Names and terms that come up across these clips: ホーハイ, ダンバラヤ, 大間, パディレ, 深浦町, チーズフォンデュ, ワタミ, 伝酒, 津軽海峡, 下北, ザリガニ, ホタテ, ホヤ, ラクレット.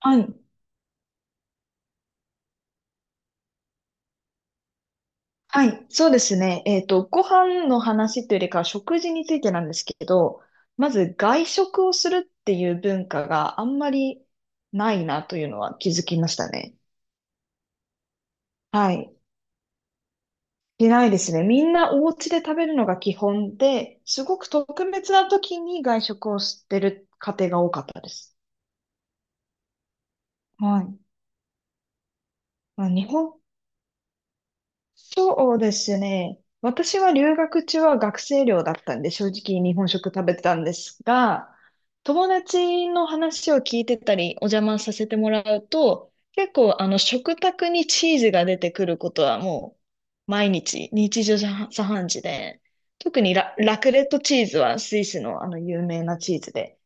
はい。はい、そうですね。ご飯の話というよりかは食事についてなんですけど、まず外食をするっていう文化があんまりないなというのは気づきましたね。はい。いないですね。みんなお家で食べるのが基本で、すごく特別な時に外食をしてる家庭が多かったです。はい。まあ、日本そうですね。私は留学中は学生寮だったんで、正直日本食食べてたんですが、友達の話を聞いてたり、お邪魔させてもらうと、結構あの食卓にチーズが出てくることはもう毎日、日常茶飯事で、特にラクレットチーズはスイスのあの有名なチーズで、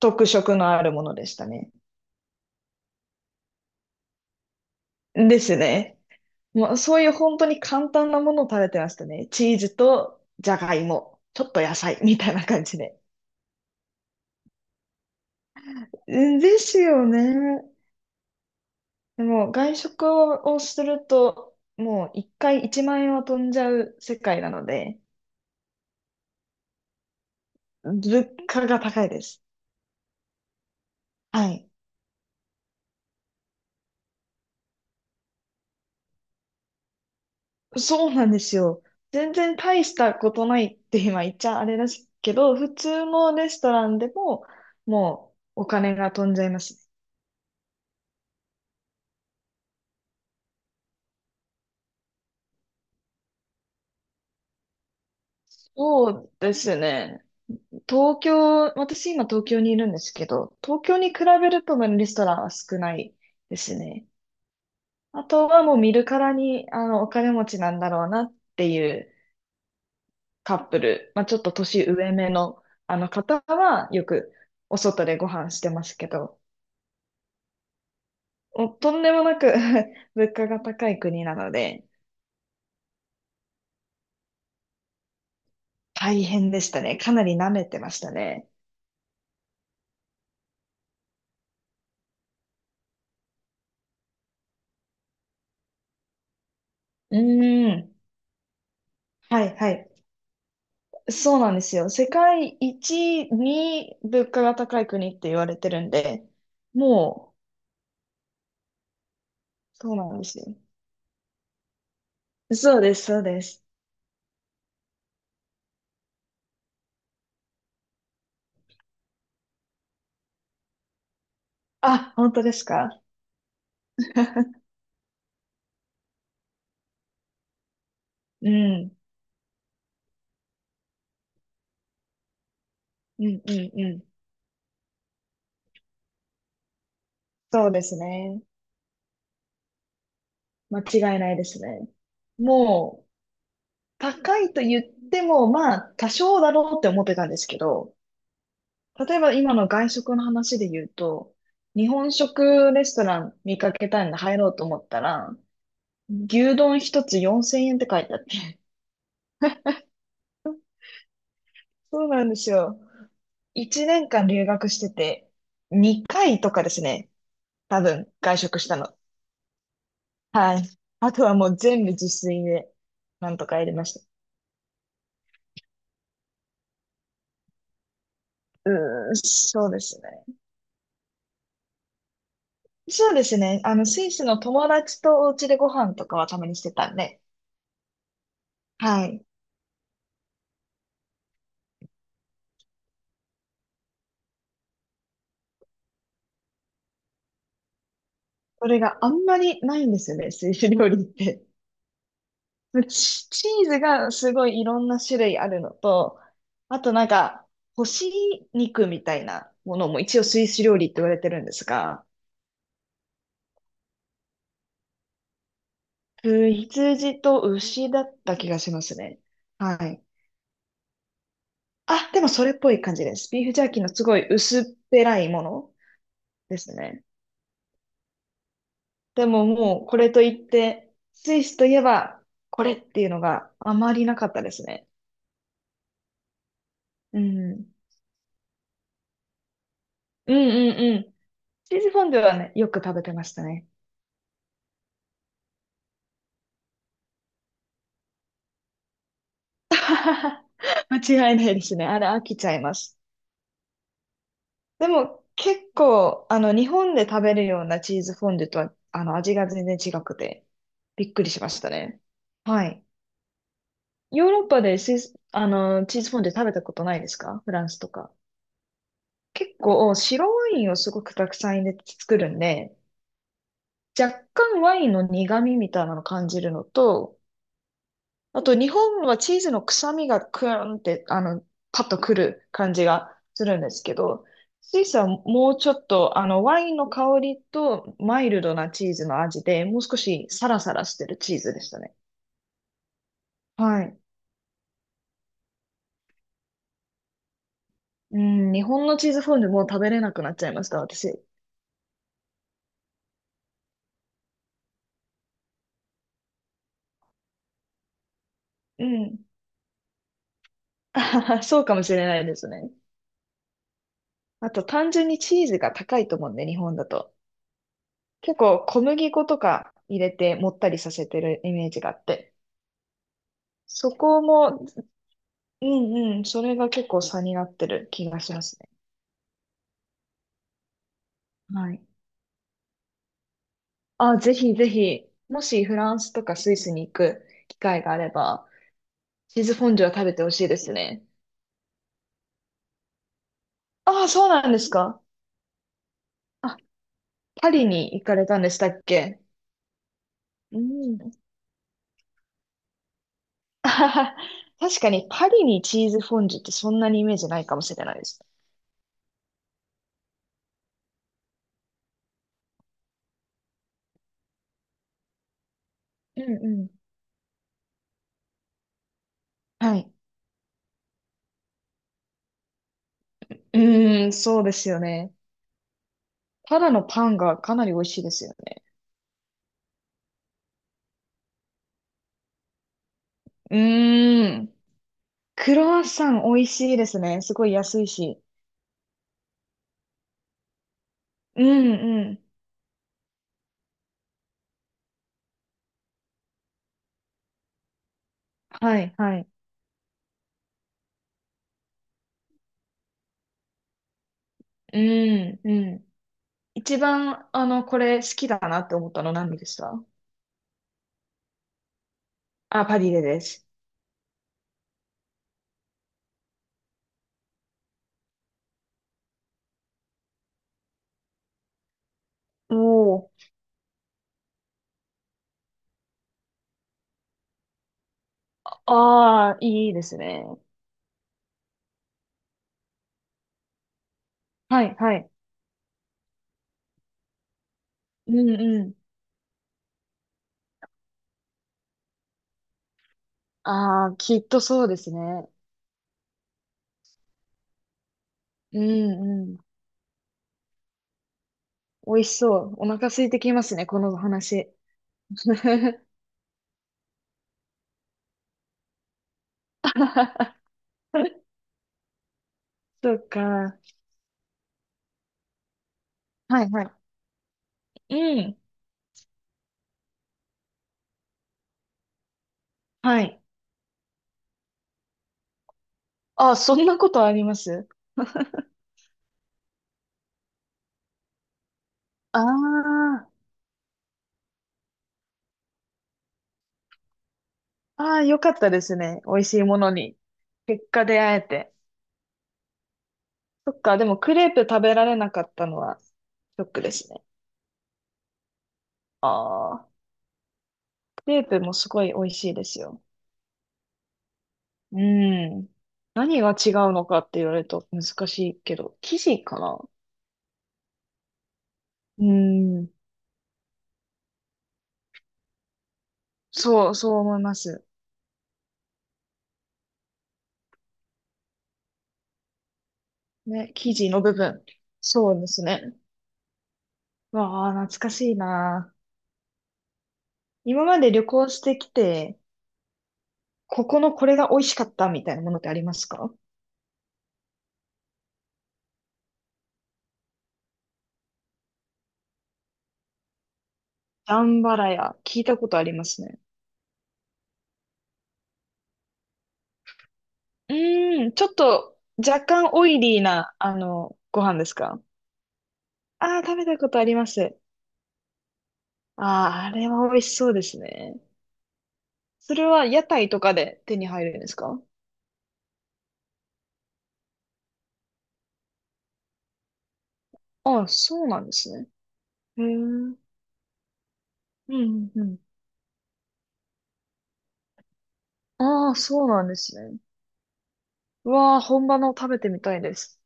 特色のあるものでしたね。ですね。もうそういう本当に簡単なものを食べてましたね。チーズとじゃがいも、ちょっと野菜みたいな感じで。うんですよね。でも外食をすると、もう一回1万円は飛んじゃう世界なので、物価が高いです。はい。そうなんですよ。全然大したことないって今言っちゃあれですけど、普通のレストランでももうお金が飛んじゃいます。そうですね。東京、私今東京にいるんですけど、東京に比べるとレストランは少ないですね。あとはもう見るからに、あの、お金持ちなんだろうなっていうカップル、まあ、ちょっと年上めの、あの方はよくお外でご飯してますけど、もうとんでもなく 物価が高い国なので、大変でしたね。かなり舐めてましたね。うーん。はいはい。そうなんですよ。世界一に物価が高い国って言われてるんで、もう、そうなんですよ。そうです、そうです。あ、本当ですか？うん。うん、うん、うん。そうですね。間違いないですね。もう、高いと言っても、まあ、多少だろうって思ってたんですけど、例えば今の外食の話で言うと、日本食レストラン見かけたんで入ろうと思ったら、牛丼一つ4000円って書いてあっそうなんですよ。1年間留学してて、2回とかですね。多分、外食したの。はい。あとはもう全部自炊で、なんとかやりました。うーん、そうですね。そうですね。あの、スイスの友達とお家でご飯とかはたまにしてたんで、はい。それがあんまりないんですよね、スイス料理って。チーズがすごいいろんな種類あるのと、あとなんか、干し肉みたいなものも一応スイス料理って言われてるんですが、羊と牛だった気がしますね。はい。あ、でもそれっぽい感じです。ビーフジャーキーのすごい薄っぺらいものですね。でももうこれといって、スイスといえばこれっていうのがあまりなかったですね。うん。うんうんうん。チーズフォンデュはね、よく食べてましたね。間違いないですね。あれ飽きちゃいます。でも結構、あの、日本で食べるようなチーズフォンデュとは、あの、味が全然違くて、びっくりしましたね。はい。ヨーロッパでスイス、あの、チーズフォンデュ食べたことないですか？フランスとか。結構、白ワインをすごくたくさん入れて作るんで、若干ワインの苦味みたいなのを感じるのと、あと、日本はチーズの臭みがクーンって、あの、パッとくる感じがするんですけど、スイスはもうちょっと、あの、ワインの香りとマイルドなチーズの味で、もう少しサラサラしてるチーズでしたね。はい。うん、日本のチーズフォンデュもう食べれなくなっちゃいました、私。うん。あははそうかもしれないですね。あと、単純にチーズが高いと思うんで、日本だと。結構、小麦粉とか入れて、もったりさせてるイメージがあって。そこもうんうん。それが結構差になってる気がしますね。はい。あ、ぜひぜひ、もしフランスとかスイスに行く機会があれば、チーズフォンデュは食べてほしいですね。あ、あそうなんですか。あ、パリに行かれたんでしたっけ？うん。あはは確かにパリにチーズフォンデュってそんなにイメージないかもしれないです。うんうん。はい。うーん、そうですよね。ただのパンがかなり美味しいですよね。うーん。クロワッサン美味しいですね。すごい安いし。うんうん。はいはい。うんうん。一番、あの、これ好きだなって思ったの何でした？あ、パディレです。おー。ああ、いいですね。はいはい。うんうん。ああ、きっとそうですね。うんうん。美味しそう。お腹空いてきますね、この話。そっか。はいはい。うん。はい。あ、そんなことあります？ああー。ああ、よかったですね。美味しいものに。結果出会えて。そっか、でもクレープ食べられなかったのはショックですね。ああ、クレープもすごい美味しいですよ。うん。何が違うのかって言われると難しいけど、生地かな？うん。そう、そう思います。ね、生地の部分。そうですね。わあ、懐かしいな。今まで旅行してきて、ここのこれが美味しかったみたいなものってありますか？ダンバラヤ、聞いたことありますね。うーん、ちょっと若干オイリーな、あの、ご飯ですか？ああー、食べたことあります。ああ、あれは美味しそうですね。それは屋台とかで手に入るんですか？ああー、そうなんですね。へえ。うんうんうん。ああ、そうなんですね。うわあ、本場の食べてみたいです。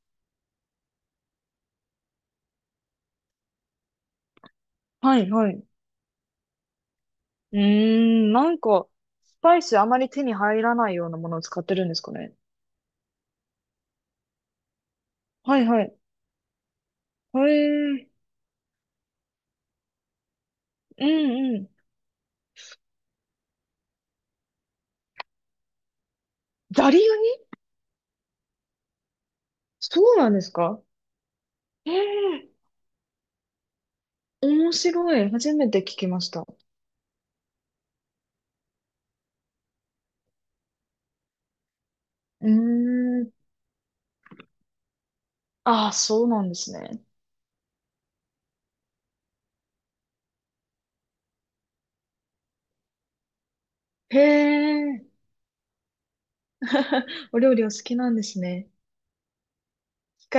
はいはい。うーん、なんか、スパイスあまり手に入らないようなものを使ってるんですかね。はいはい。へえ。うんうん。ザリガニ？そうなんですか？ええ面白い。初めて聞きました。うーん。ああ、そうなんですね。へえ、お料理お好きなんですね。機